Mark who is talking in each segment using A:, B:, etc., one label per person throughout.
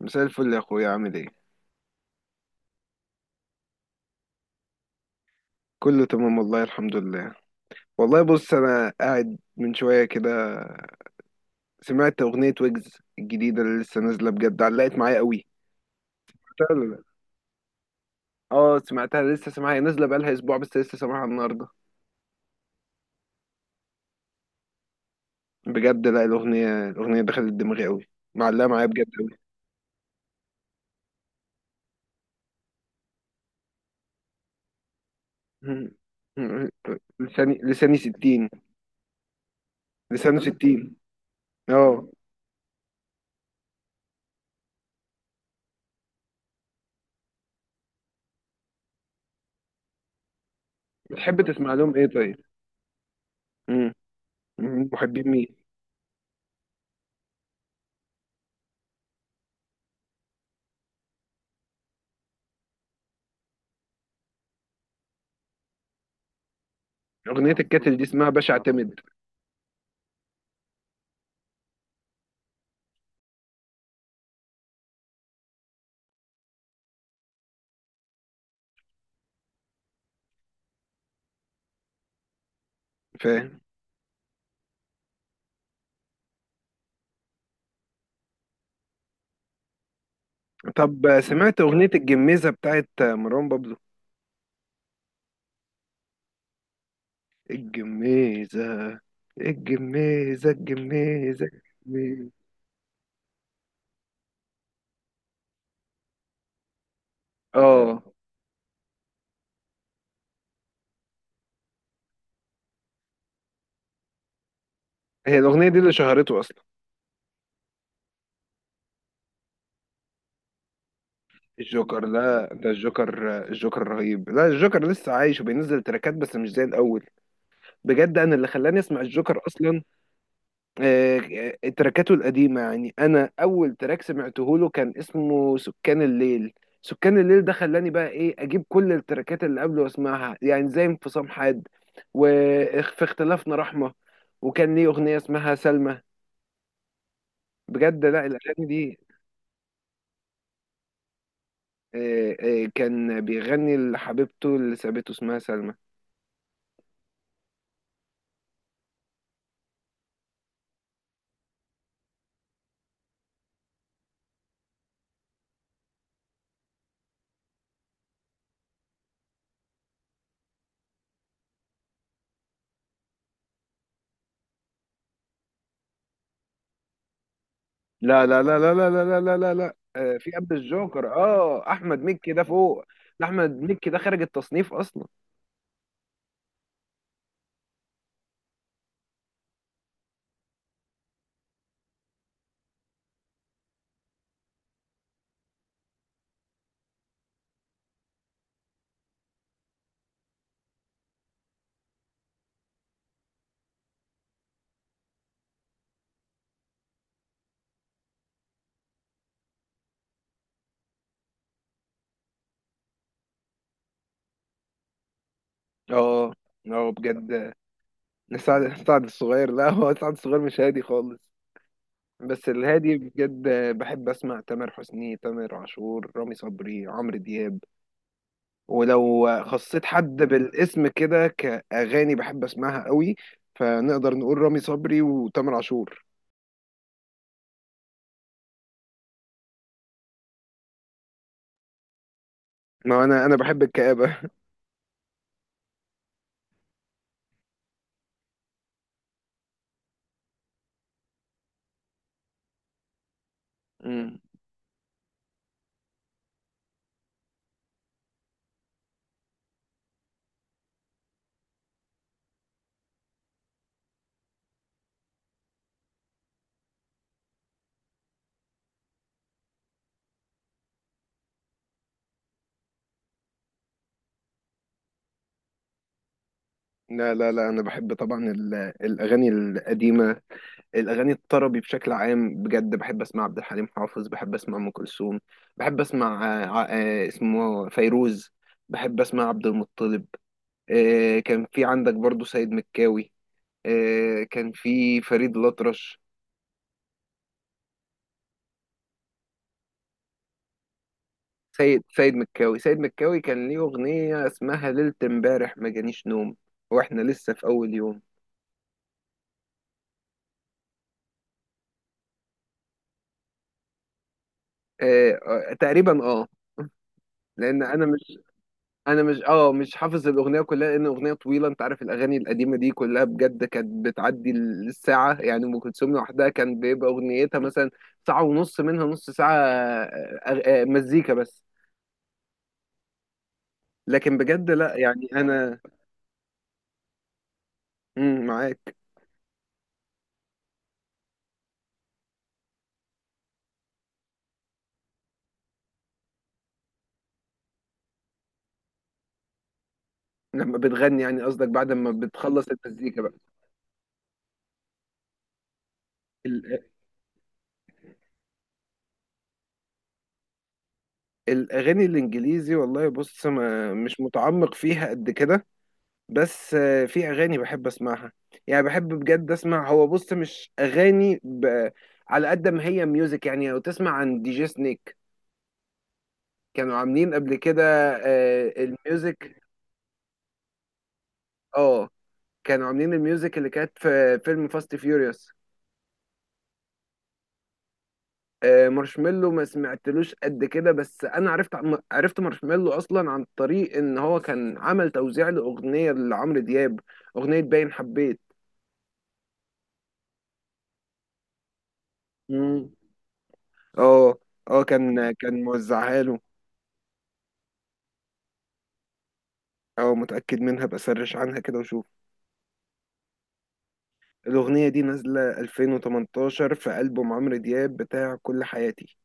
A: مساء الفل يا اخويا، عامل ايه؟ كله تمام، والله الحمد لله. والله بص، انا قاعد من شويه كده. سمعت اغنيه ويجز الجديده اللي لسه نازله، بجد علقت معايا قوي. سمعتها ولا لا؟ اه سمعتها، لسه سامعها. نازله بقالها اسبوع بس لسه سامعها النهارده. بجد لا، الاغنيه دخلت دماغي قوي. معلقه معايا بجد قوي. لساني 60. لسانه 60. اه. بتحب تسمع لهم ايه طيب؟ مم. محبين مين؟ اغنيه الكاتل دي اسمها باشا اعتمد. طب سمعت أغنية الجميزة بتاعت مروان بابلو؟ الجميزة الجميزة الجميزة. الجميزة. اه. هي الأغنية دي اللي شهرته أصلا. الجوكر؟ لا، ده الجوكر. الجوكر رهيب. لا، الجوكر لسه عايش وبينزل تراكات بس مش زي الأول. بجد أنا اللي خلاني أسمع الجوكر أصلا. آه، تراكاته القديمة، يعني أنا أول تراك سمعته له كان اسمه سكان الليل. سكان الليل ده خلاني بقى إيه أجيب كل التراكات اللي قبله وأسمعها، يعني زي انفصام حاد وفي اختلافنا رحمة. وكان ليه أغنية اسمها سلمى. بجد لا، الأغاني دي. كان بيغني لحبيبته اللي سابته اسمها سلمى. لا لا لا لا لا لا لا لا لا لا، في قبل الجوكر، اه احمد مكي ده فوق. ده احمد مكي ده خارج التصنيف اصلا. اه. اه بجد. سعد الصغير، لا هو سعد الصغير مش هادي خالص. بس الهادي بجد بحب اسمع تامر حسني، تامر عاشور، رامي صبري، عمرو دياب. ولو خصيت حد بالاسم كده كأغاني بحب اسمعها قوي فنقدر نقول رامي صبري وتامر عاشور. ما انا بحب الكآبة. أمم. لا لا لا، انا بحب طبعا الاغاني القديمة، الاغاني الطربي بشكل عام. بجد بحب اسمع عبد الحليم حافظ، بحب اسمع ام كلثوم، بحب اسمع اسمه فيروز، بحب اسمع عبد المطلب. كان في عندك برضو سيد مكاوي، كان في فريد الأطرش. سيد مكاوي، سيد مكاوي كان ليه أغنية اسمها ليلة امبارح ما جانيش نوم واحنا لسه في أول يوم. آه، تقريبا. اه. لأن أنا، انا مش مش حافظ الاغنيه كلها لان اغنيه طويله. انت عارف الاغاني القديمه دي كلها بجد كانت بتعدي الساعه؟ يعني ام كلثوم لوحدها كان بيبقى اغنيتها مثلا ساعه ونص، منها نص ساعه مزيكا بس. لكن بجد لا، يعني انا معاك. لما بتغني، يعني قصدك بعد ما بتخلص المزيكا بقى؟ ال- آه، الاغاني الانجليزي والله بص ما مش متعمق فيها قد كده. بس في اغاني بحب اسمعها، يعني بحب بجد اسمع. هو بص مش اغاني على قد ما هي ميوزك. يعني لو تسمع عن دي جي سنيك، كانوا عاملين قبل كده الميوزك. اه. كانوا عاملين الميوزك اللي كانت في فيلم فاست فيوريوس. مارشميلو ما سمعتلوش قد كده بس انا عرفت عرفت مارشميلو اصلا عن طريق ان هو كان عمل توزيع لاغنيه لعمرو دياب، اغنيه باين حبيت. مم. اه. اه كان موزعها له. او متأكد منها، بسرش عنها كده وشوف. الأغنية دي نازلة 2018 في ألبوم عمرو دياب بتاع كل حياتي.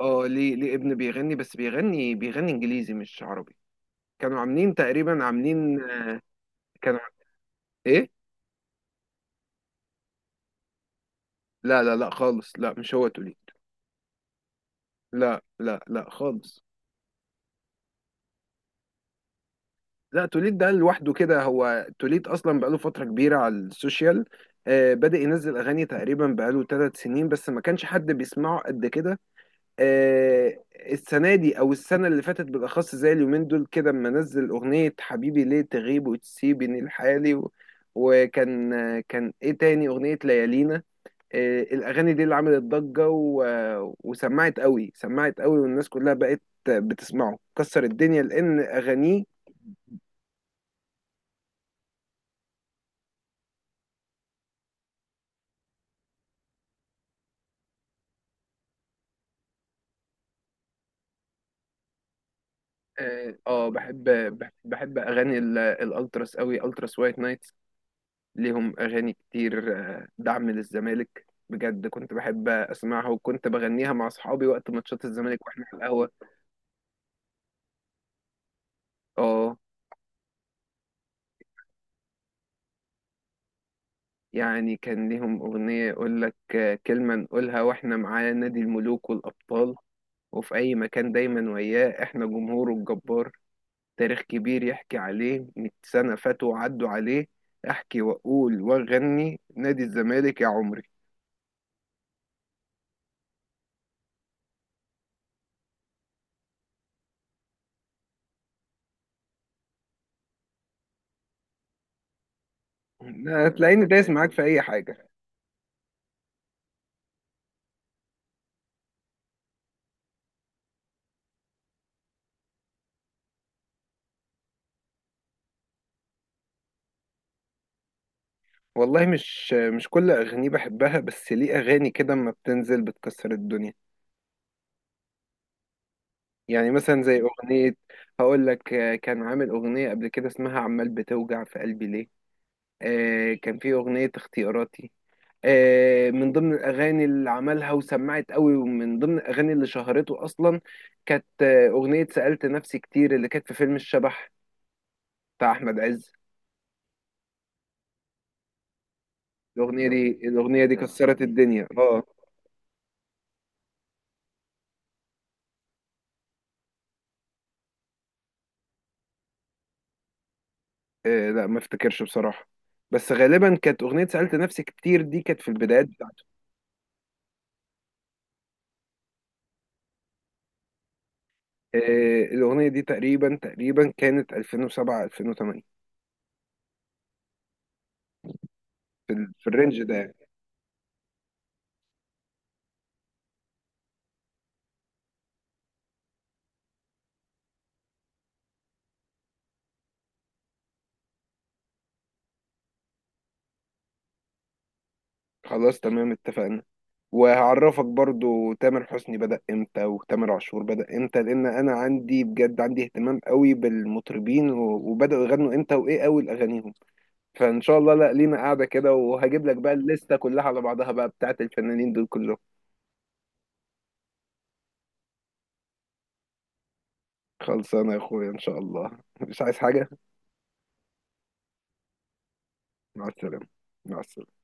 A: اه، ليه ابن بيغني. بس بيغني انجليزي مش عربي. كانوا عاملين تقريبا عاملين. كانوا. ايه. لا لا لا خالص، لا مش هو توليد. لا لا لا خالص. لا، توليد ده لوحده كده، هو توليد اصلا بقاله فترة كبيرة على السوشيال. بدأ ينزل اغاني تقريبا بقاله 3 سنين بس ما كانش حد بيسمعه قد كده. السنه دي او السنه اللي فاتت بالاخص زي اليومين دول كده اما نزل اغنيه حبيبي ليه تغيب وتسيبني لحالي. و... وكان آه، كان ايه تاني اغنيه؟ ليالينا. الاغاني دي اللي عملت ضجه. و... آه، وسمعت قوي، سمعت قوي، والناس كلها بقت بتسمعه، كسر الدنيا لان اغانيه. اه. بحب اغاني الالتراس قوي. التراس وايت نايت ليهم أغاني كتير، دعم للزمالك. بجد كنت بحب أسمعها وكنت بغنيها مع أصحابي وقت ماتشات الزمالك وإحنا على القهوة. آه يعني كان ليهم أغنية يقول لك كلمة نقولها وإحنا معاه، نادي الملوك والأبطال، وفي أي مكان دايما وياه، إحنا جمهوره الجبار، تاريخ كبير يحكي عليه 100 سنة فاتوا وعدوا عليه، أحكي وأقول وأغني نادي الزمالك يا عمري. هتلاقيني دايس معاك في أي حاجة. والله مش كل اغانيه بحبها بس ليه اغاني كده اما بتنزل بتكسر الدنيا. يعني مثلا زي اغنيه، هقول لك، كان عامل اغنيه قبل كده اسمها عمال بتوجع في قلبي ليه. كان في اغنيه اختياراتي، من ضمن الاغاني اللي عملها وسمعت قوي ومن ضمن الاغاني اللي شهرته اصلا كانت اغنيه سالت نفسي كتير اللي كانت في فيلم الشبح بتاع احمد عز. الاغنيه دي كسرت الدنيا. اه. لا ما افتكرش بصراحة. بس غالبا كانت أغنية سألت نفسي كتير دي كانت في البدايات بتاعته. الأغنية دي تقريبا كانت 2007، 2008، في الرينج ده يعني. خلاص تمام اتفقنا. وهعرفك برضو تامر حسني بدأ امتى وتامر عاشور بدأ امتى، لأن أنا عندي بجد عندي اهتمام قوي بالمطربين وبدأوا يغنوا امتى وإيه أول أغانيهم. فإن شاء الله لا لينا قاعدة كده وهجيب لك بقى الليستة كلها على بعضها بقى بتاعت الفنانين دول كلهم. خلصانة يا أخويا إن شاء الله. مش عايز حاجة. مع السلامة. مع السلامة.